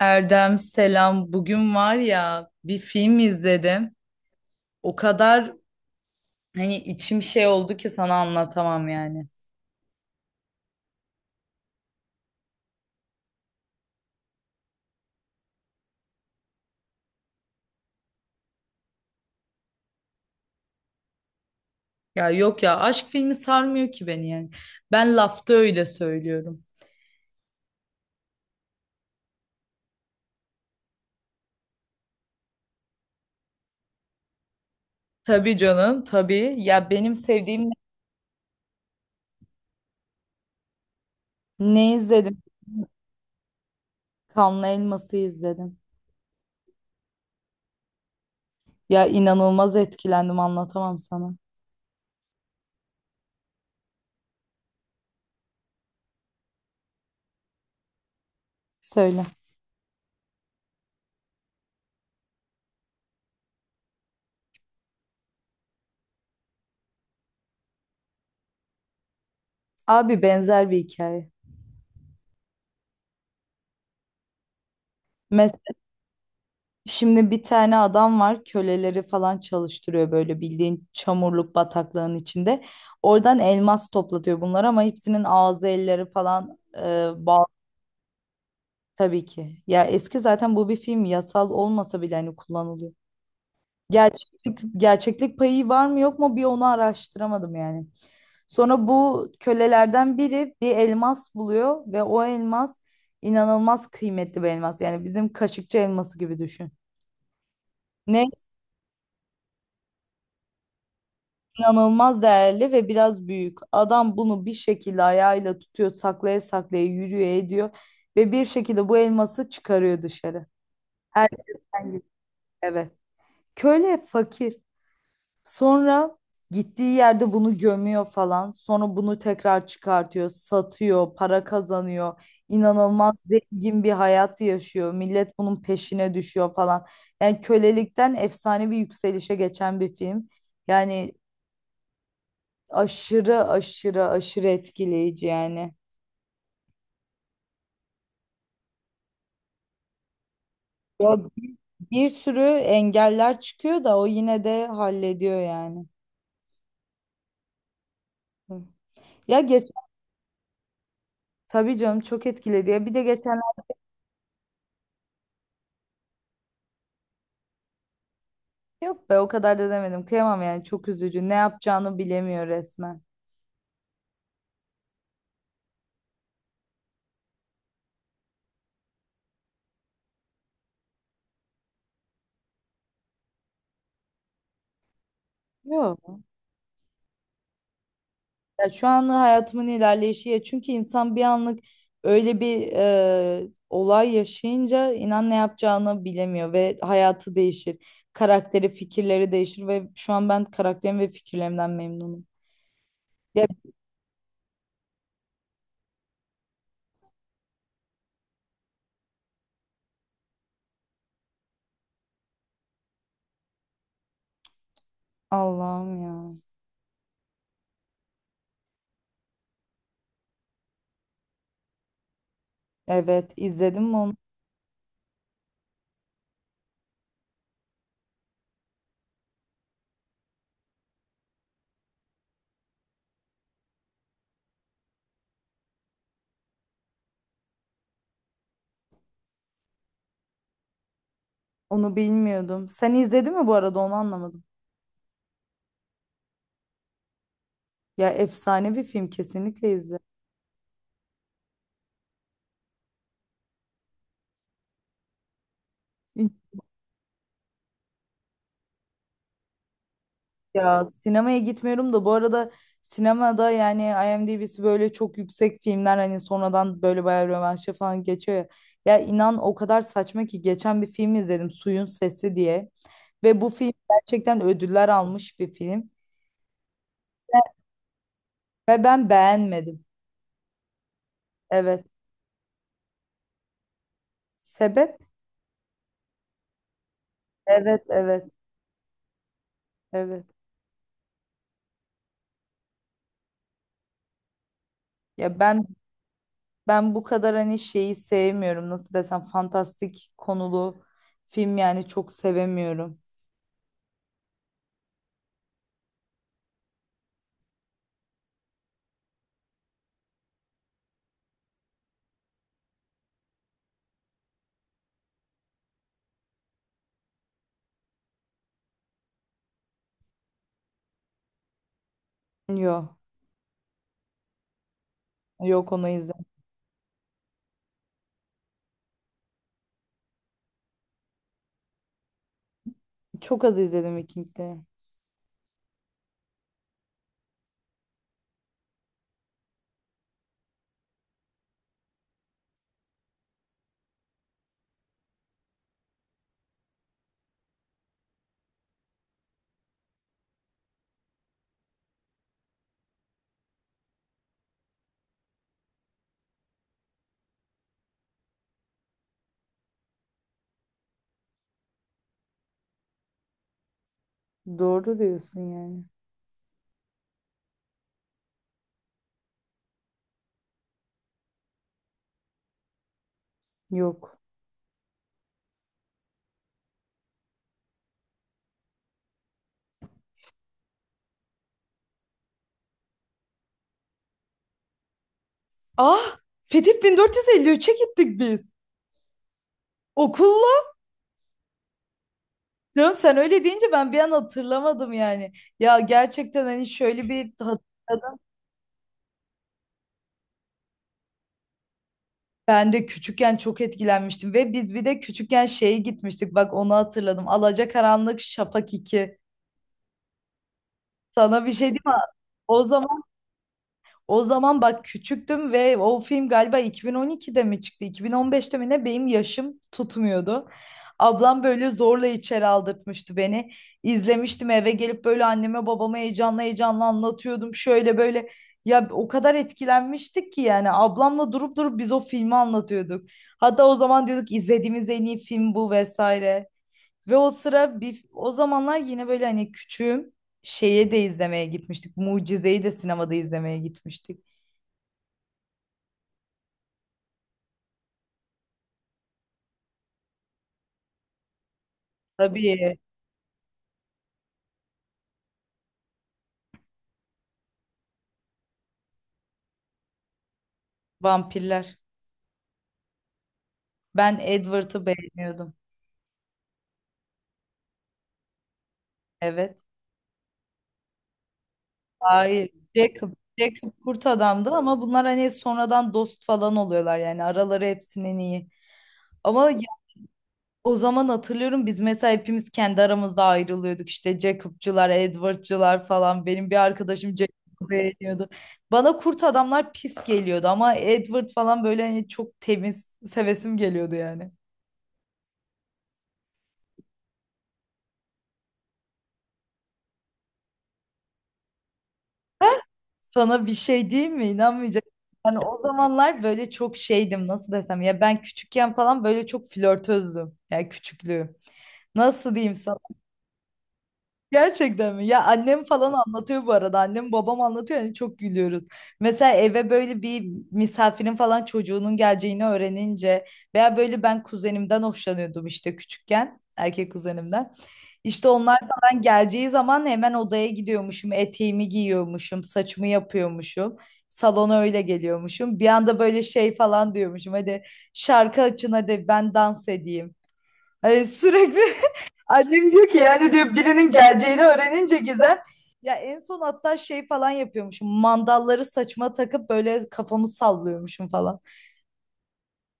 Erdem selam. Bugün var ya bir film izledim. O kadar hani içim şey oldu ki sana anlatamam yani. Ya yok ya aşk filmi sarmıyor ki beni yani. Ben lafta öyle söylüyorum. Tabii canım tabii. Ya benim sevdiğim ne izledim? Kanlı Elmas'ı izledim. Ya inanılmaz etkilendim anlatamam sana. Söyle. Abi benzer bir hikaye. Şimdi bir tane adam var köleleri falan çalıştırıyor böyle bildiğin çamurluk bataklığın içinde. Oradan elmas toplatıyor bunlar ama hepsinin ağzı elleri falan bağlı tabii ki. Ya eski zaten bu bir film yasal olmasa bile hani kullanılıyor. Gerçeklik payı var mı yok mu bir onu araştıramadım yani. Sonra bu kölelerden biri bir elmas buluyor ve o elmas inanılmaz kıymetli bir elmas. Yani bizim kaşıkçı elması gibi düşün. Ne inanılmaz değerli ve biraz büyük. Adam bunu bir şekilde ayağıyla tutuyor, saklaya saklaya yürüyor ediyor ve bir şekilde bu elması çıkarıyor dışarı. Herkesten gidiyor. Evet. Köle fakir. Sonra gittiği yerde bunu gömüyor falan. Sonra bunu tekrar çıkartıyor, satıyor, para kazanıyor. İnanılmaz zengin bir hayat yaşıyor. Millet bunun peşine düşüyor falan. Yani kölelikten efsane bir yükselişe geçen bir film. Yani aşırı aşırı aşırı etkileyici yani. Ya bir sürü engeller çıkıyor da o yine de hallediyor yani. Hı. Ya geç Tabii canım çok etkiledi ya. Bir de geçenlerde yok be o kadar da demedim. Kıyamam yani çok üzücü. Ne yapacağını bilemiyor resmen. Yok. Ya şu an hayatımın ilerleyişi ya çünkü insan bir anlık öyle bir olay yaşayınca inan ne yapacağını bilemiyor ve hayatı değişir. Karakteri, fikirleri değişir ve şu an ben karakterim ve fikirlerimden memnunum. Ya Allah'ım ya. Evet izledim mi onu? Onu bilmiyordum. Sen izledin mi bu arada onu anlamadım. Ya efsane bir film kesinlikle izle. Ya sinemaya gitmiyorum da bu arada sinemada yani IMDb'si böyle çok yüksek filmler hani sonradan böyle bayağı rövanşa falan geçiyor ya. Ya inan o kadar saçma ki geçen bir film izledim Suyun Sesi diye. Ve bu film gerçekten ödüller almış bir film. Ve ben beğenmedim. Evet. Sebep? Evet, evet, evet. Ya ben bu kadar hani şeyi sevmiyorum. Nasıl desem fantastik konulu film yani çok sevemiyorum. Yok. Yok onu izlemedim. Çok az izledim Vikingleri. Doğru diyorsun yani. Yok. Ah, Fetih 1453'e gittik biz. Okulla. Ya sen öyle deyince ben bir an hatırlamadım yani. Ya gerçekten hani şöyle bir hatırladım. Ben de küçükken çok etkilenmiştim ve biz bir de küçükken şeye gitmiştik. Bak onu hatırladım. Alacakaranlık Şafak 2. Sana bir şey diyeyim mi? O zaman o zaman bak küçüktüm ve o film galiba 2012'de mi çıktı? 2015'te mi ne? Benim yaşım tutmuyordu. Ablam böyle zorla içeri aldırtmıştı beni. İzlemiştim eve gelip böyle anneme babama heyecanla heyecanla anlatıyordum. Şöyle böyle ya o kadar etkilenmiştik ki yani ablamla durup durup biz o filmi anlatıyorduk. Hatta o zaman diyorduk izlediğimiz en iyi film bu vesaire. Ve o sıra bir o zamanlar yine böyle hani küçüğüm şeye de izlemeye gitmiştik. Mucize'yi de sinemada izlemeye gitmiştik. Tabii vampirler. Ben Edward'ı beğeniyordum. Evet. Hayır. Jacob. Jacob kurt adamdı ama bunlar hani sonradan dost falan oluyorlar yani araları hepsinin iyi. Ama o zaman hatırlıyorum biz mesela hepimiz kendi aramızda ayrılıyorduk işte Jacob'cular, Edward'cular falan. Benim bir arkadaşım Jacob'u beğeniyordu. Bana kurt adamlar pis geliyordu ama Edward falan böyle hani çok temiz sevesim geliyordu yani. Sana bir şey diyeyim mi? İnanmayacaksın. Yani o zamanlar böyle çok şeydim nasıl desem ya ben küçükken falan böyle çok flörtözdüm. Yani küçüklüğüm. Nasıl diyeyim sana? Gerçekten mi? Ya annem falan anlatıyor bu arada. Annem babam anlatıyor yani çok gülüyoruz. Mesela eve böyle bir misafirin falan çocuğunun geleceğini öğrenince veya böyle ben kuzenimden hoşlanıyordum işte küçükken. Erkek kuzenimden. İşte onlar falan geleceği zaman hemen odaya gidiyormuşum. Eteğimi giyiyormuşum. Saçımı yapıyormuşum. Salona öyle geliyormuşum. Bir anda böyle şey falan diyormuşum. Hadi şarkı açın hadi ben dans edeyim. Hani sürekli annem diyor ki yani diyor birinin geleceğini öğrenince Gizem ya en son hatta şey falan yapıyormuşum. Mandalları saçma takıp böyle kafamı sallıyormuşum falan.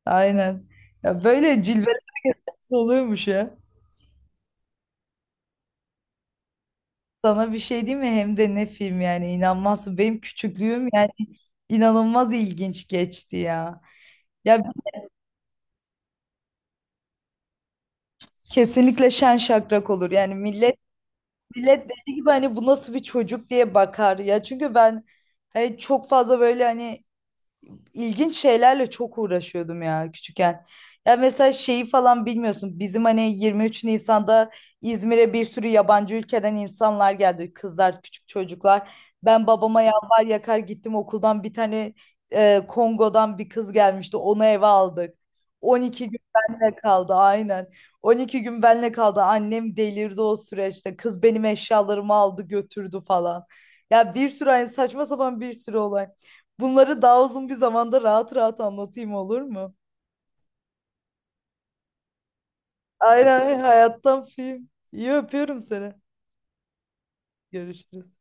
Aynen. Ya böyle cilveler oluyormuş ya. Sana bir şey diyeyim mi? Hem de ne film yani inanmazsın. Benim küçüklüğüm yani inanılmaz ilginç geçti ya. Ya kesinlikle şen şakrak olur. Yani millet dediği gibi hani bu nasıl bir çocuk diye bakar ya. Çünkü ben hani çok fazla böyle hani ilginç şeylerle çok uğraşıyordum ya küçükken. Ya mesela şeyi falan bilmiyorsun. Bizim hani 23 Nisan'da İzmir'e bir sürü yabancı ülkeden insanlar geldi. Kızlar, küçük çocuklar. Ben babama yalvar yakar gittim okuldan bir tane Kongo'dan bir kız gelmişti. Onu eve aldık. 12 gün benle kaldı aynen. 12 gün benle kaldı. Annem delirdi o süreçte. Kız benim eşyalarımı aldı götürdü falan. Ya bir sürü hani saçma sapan bir sürü olay. Bunları daha uzun bir zamanda rahat rahat anlatayım olur mu? Aynen hayattan film. İyi öpüyorum seni. Görüşürüz.